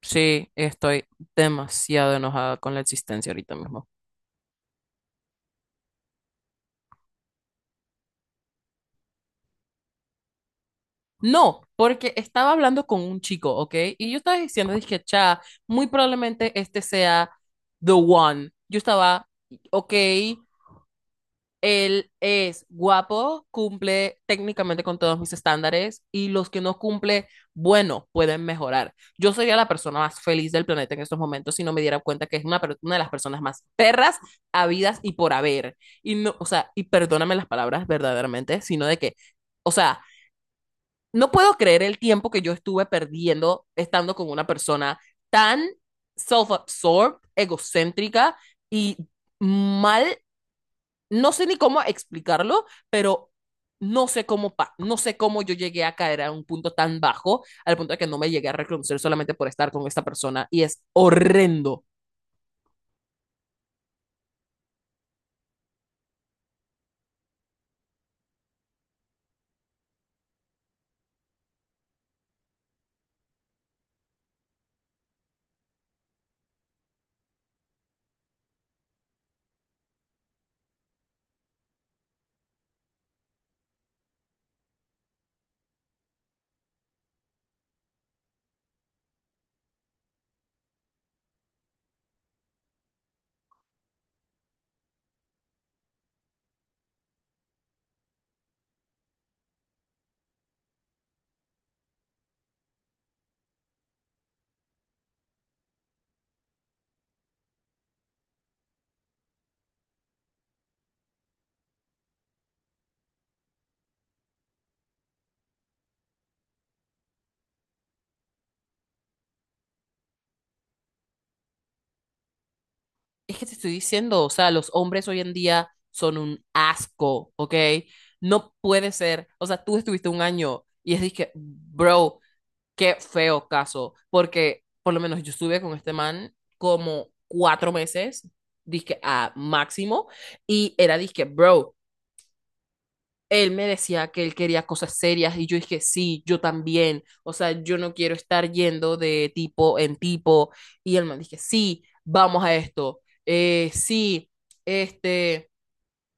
Sí, estoy demasiado enojada con la existencia ahorita mismo. No, porque estaba hablando con un chico, ¿ok? Y yo estaba diciendo, dije, cha, muy probablemente este sea the one. Yo estaba, ok, él es guapo, cumple técnicamente con todos mis estándares y los que no cumple, bueno, pueden mejorar. Yo sería la persona más feliz del planeta en estos momentos si no me diera cuenta que es una de las personas más perras, habidas y por haber. Y no, o sea, y perdóname las palabras verdaderamente, sino de que, o sea, no puedo creer el tiempo que yo estuve perdiendo estando con una persona tan self-absorbed, egocéntrica y mal, no sé ni cómo explicarlo, pero no sé no sé cómo yo llegué a caer a un punto tan bajo, al punto de que no me llegué a reconocer solamente por estar con esta persona y es horrendo. Es que te estoy diciendo, o sea, los hombres hoy en día son un asco, ¿ok? No puede ser, o sea, tú estuviste un año y es que, bro, qué feo caso, porque por lo menos yo estuve con este man como cuatro meses, dizque a máximo, y era dizque, bro, él me decía que él quería cosas serias y yo dije, sí, yo también. O sea, yo no quiero estar yendo de tipo en tipo. Y el man dije, sí, vamos a esto. Sí, este,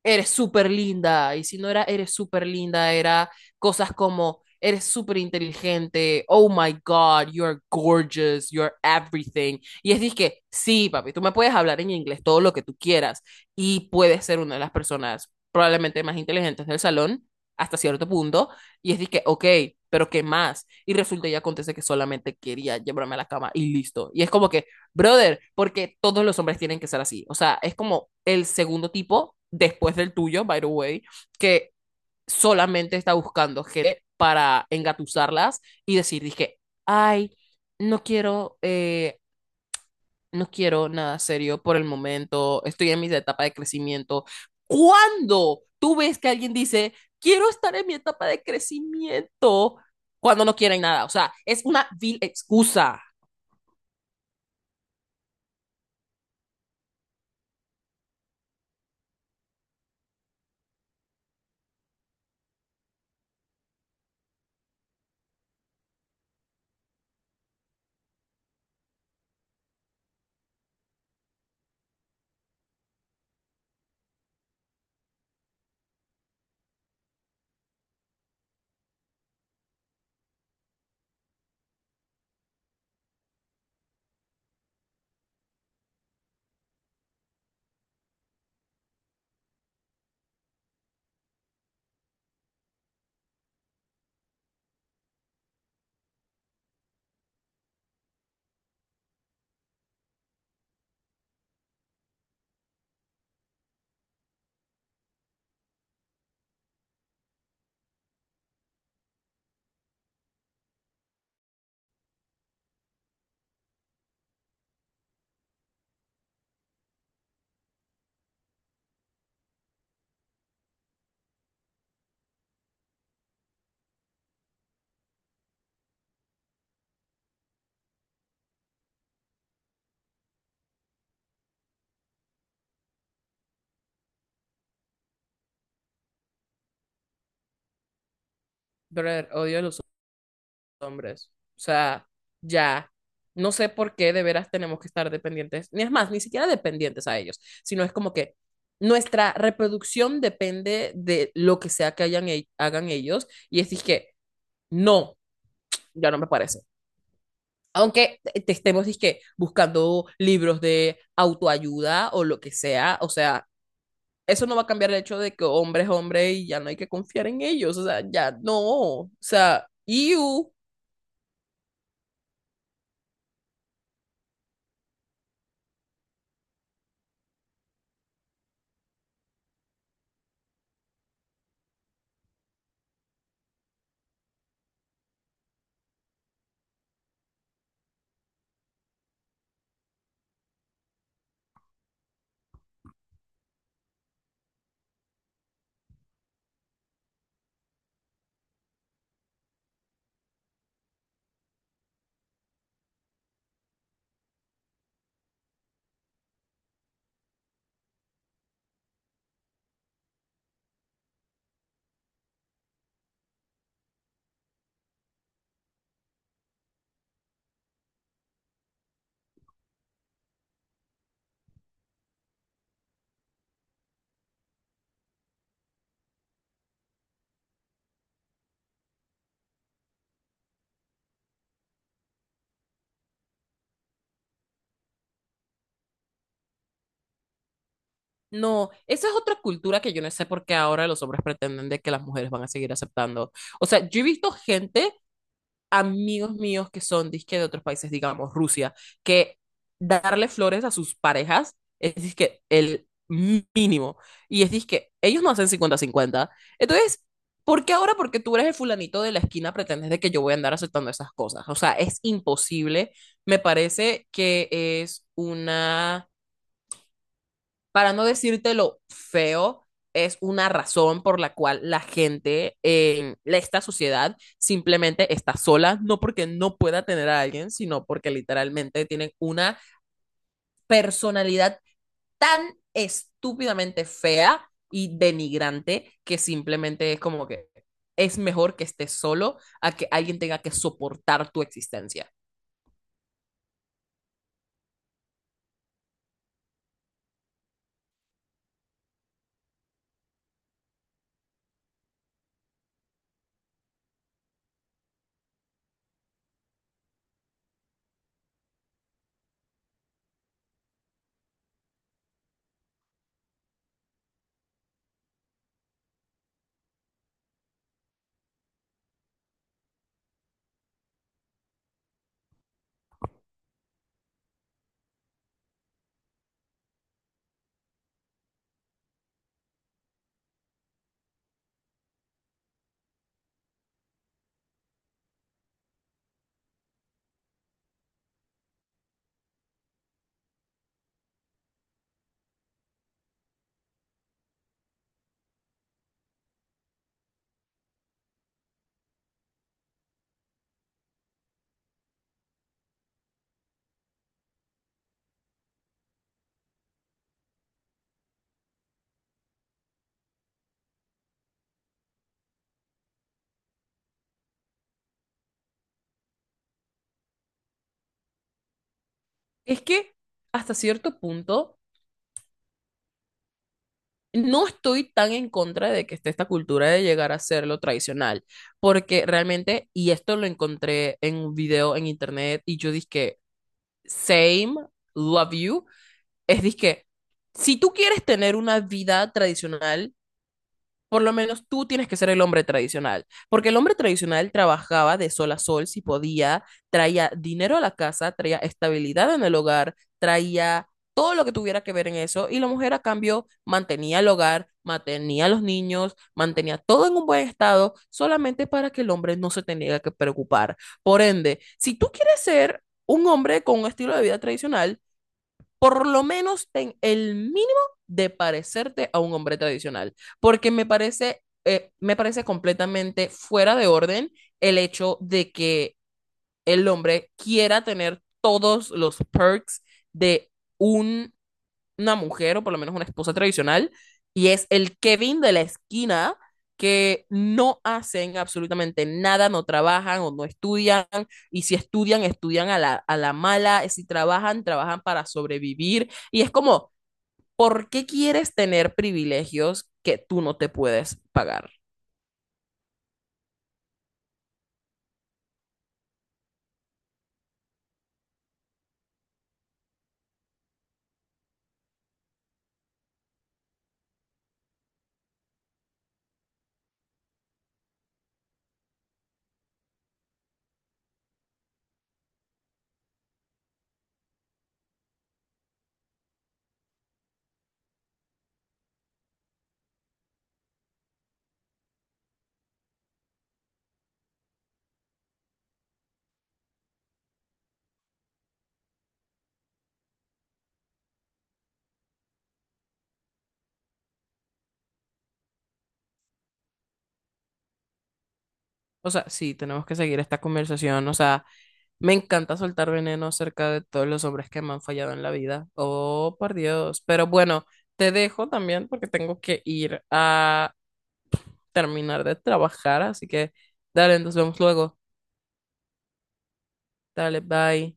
eres súper linda, y si no era eres súper linda, era cosas como eres súper inteligente, oh my God, you're gorgeous, you're everything. Y es que, sí, papi, tú me puedes hablar en inglés todo lo que tú quieras y puedes ser una de las personas probablemente más inteligentes del salón hasta cierto punto. Y es que, ok, pero ¿qué más? Y resulta y acontece que solamente quería llevarme a la cama y listo. Y es como que, brother, porque todos los hombres tienen que ser así. O sea, es como el segundo tipo, después del tuyo, by the way, que solamente está buscando gente para engatusarlas y decir, dije, ay, no quiero, no quiero nada serio por el momento, estoy en mi etapa de crecimiento. ¿Cuándo tú ves que alguien dice, quiero estar en mi etapa de crecimiento cuando no quieren nada? O sea, es una vil excusa. Brother, odio a los hombres. O sea, ya. No sé por qué de veras tenemos que estar dependientes, ni es más, ni siquiera dependientes a ellos, sino es como que nuestra reproducción depende de lo que sea que hagan ellos, y es que no, ya no me parece. Aunque te estemos dizque, buscando libros de autoayuda o lo que sea, o sea, eso no va a cambiar el hecho de que hombre es hombre y ya no hay que confiar en ellos, o sea, ya no, o sea, you. No, esa es otra cultura que yo no sé por qué ahora los hombres pretenden de que las mujeres van a seguir aceptando. O sea, yo he visto gente, amigos míos que son disque de otros países, digamos Rusia, que darle flores a sus parejas es disque el mínimo. Y es disque, ellos no hacen 50-50. Entonces, ¿por qué ahora? Porque tú eres el fulanito de la esquina, pretendes de que yo voy a andar aceptando esas cosas. O sea, es imposible. Me parece que es una, para no decirte lo feo, es una razón por la cual la gente en esta sociedad simplemente está sola, no porque no pueda tener a alguien, sino porque literalmente tienen una personalidad tan estúpidamente fea y denigrante que simplemente es como que es mejor que estés solo a que alguien tenga que soportar tu existencia. Es que hasta cierto punto no estoy tan en contra de que esté esta cultura de llegar a ser lo tradicional, porque realmente, y esto lo encontré en un video en internet, y yo dije, same, love you, es dizque, si tú quieres tener una vida tradicional, por lo menos tú tienes que ser el hombre tradicional, porque el hombre tradicional trabajaba de sol a sol si podía, traía dinero a la casa, traía estabilidad en el hogar, traía todo lo que tuviera que ver en eso, y la mujer a cambio mantenía el hogar, mantenía a los niños, mantenía todo en un buen estado, solamente para que el hombre no se tenga que preocupar. Por ende, si tú quieres ser un hombre con un estilo de vida tradicional, por lo menos ten el mínimo de parecerte a un hombre tradicional, porque me parece completamente fuera de orden el hecho de que el hombre quiera tener todos los perks de un una mujer o por lo menos una esposa tradicional, y es el Kevin de la esquina que no hacen absolutamente nada, no trabajan o no estudian, y si estudian, estudian a la mala, si trabajan, trabajan para sobrevivir, y es como, ¿por qué quieres tener privilegios que tú no te puedes pagar? O sea, sí, tenemos que seguir esta conversación. O sea, me encanta soltar veneno acerca de todos los hombres que me han fallado en la vida. Oh, por Dios. Pero bueno, te dejo también porque tengo que ir a terminar de trabajar. Así que, dale, nos vemos luego. Dale, bye.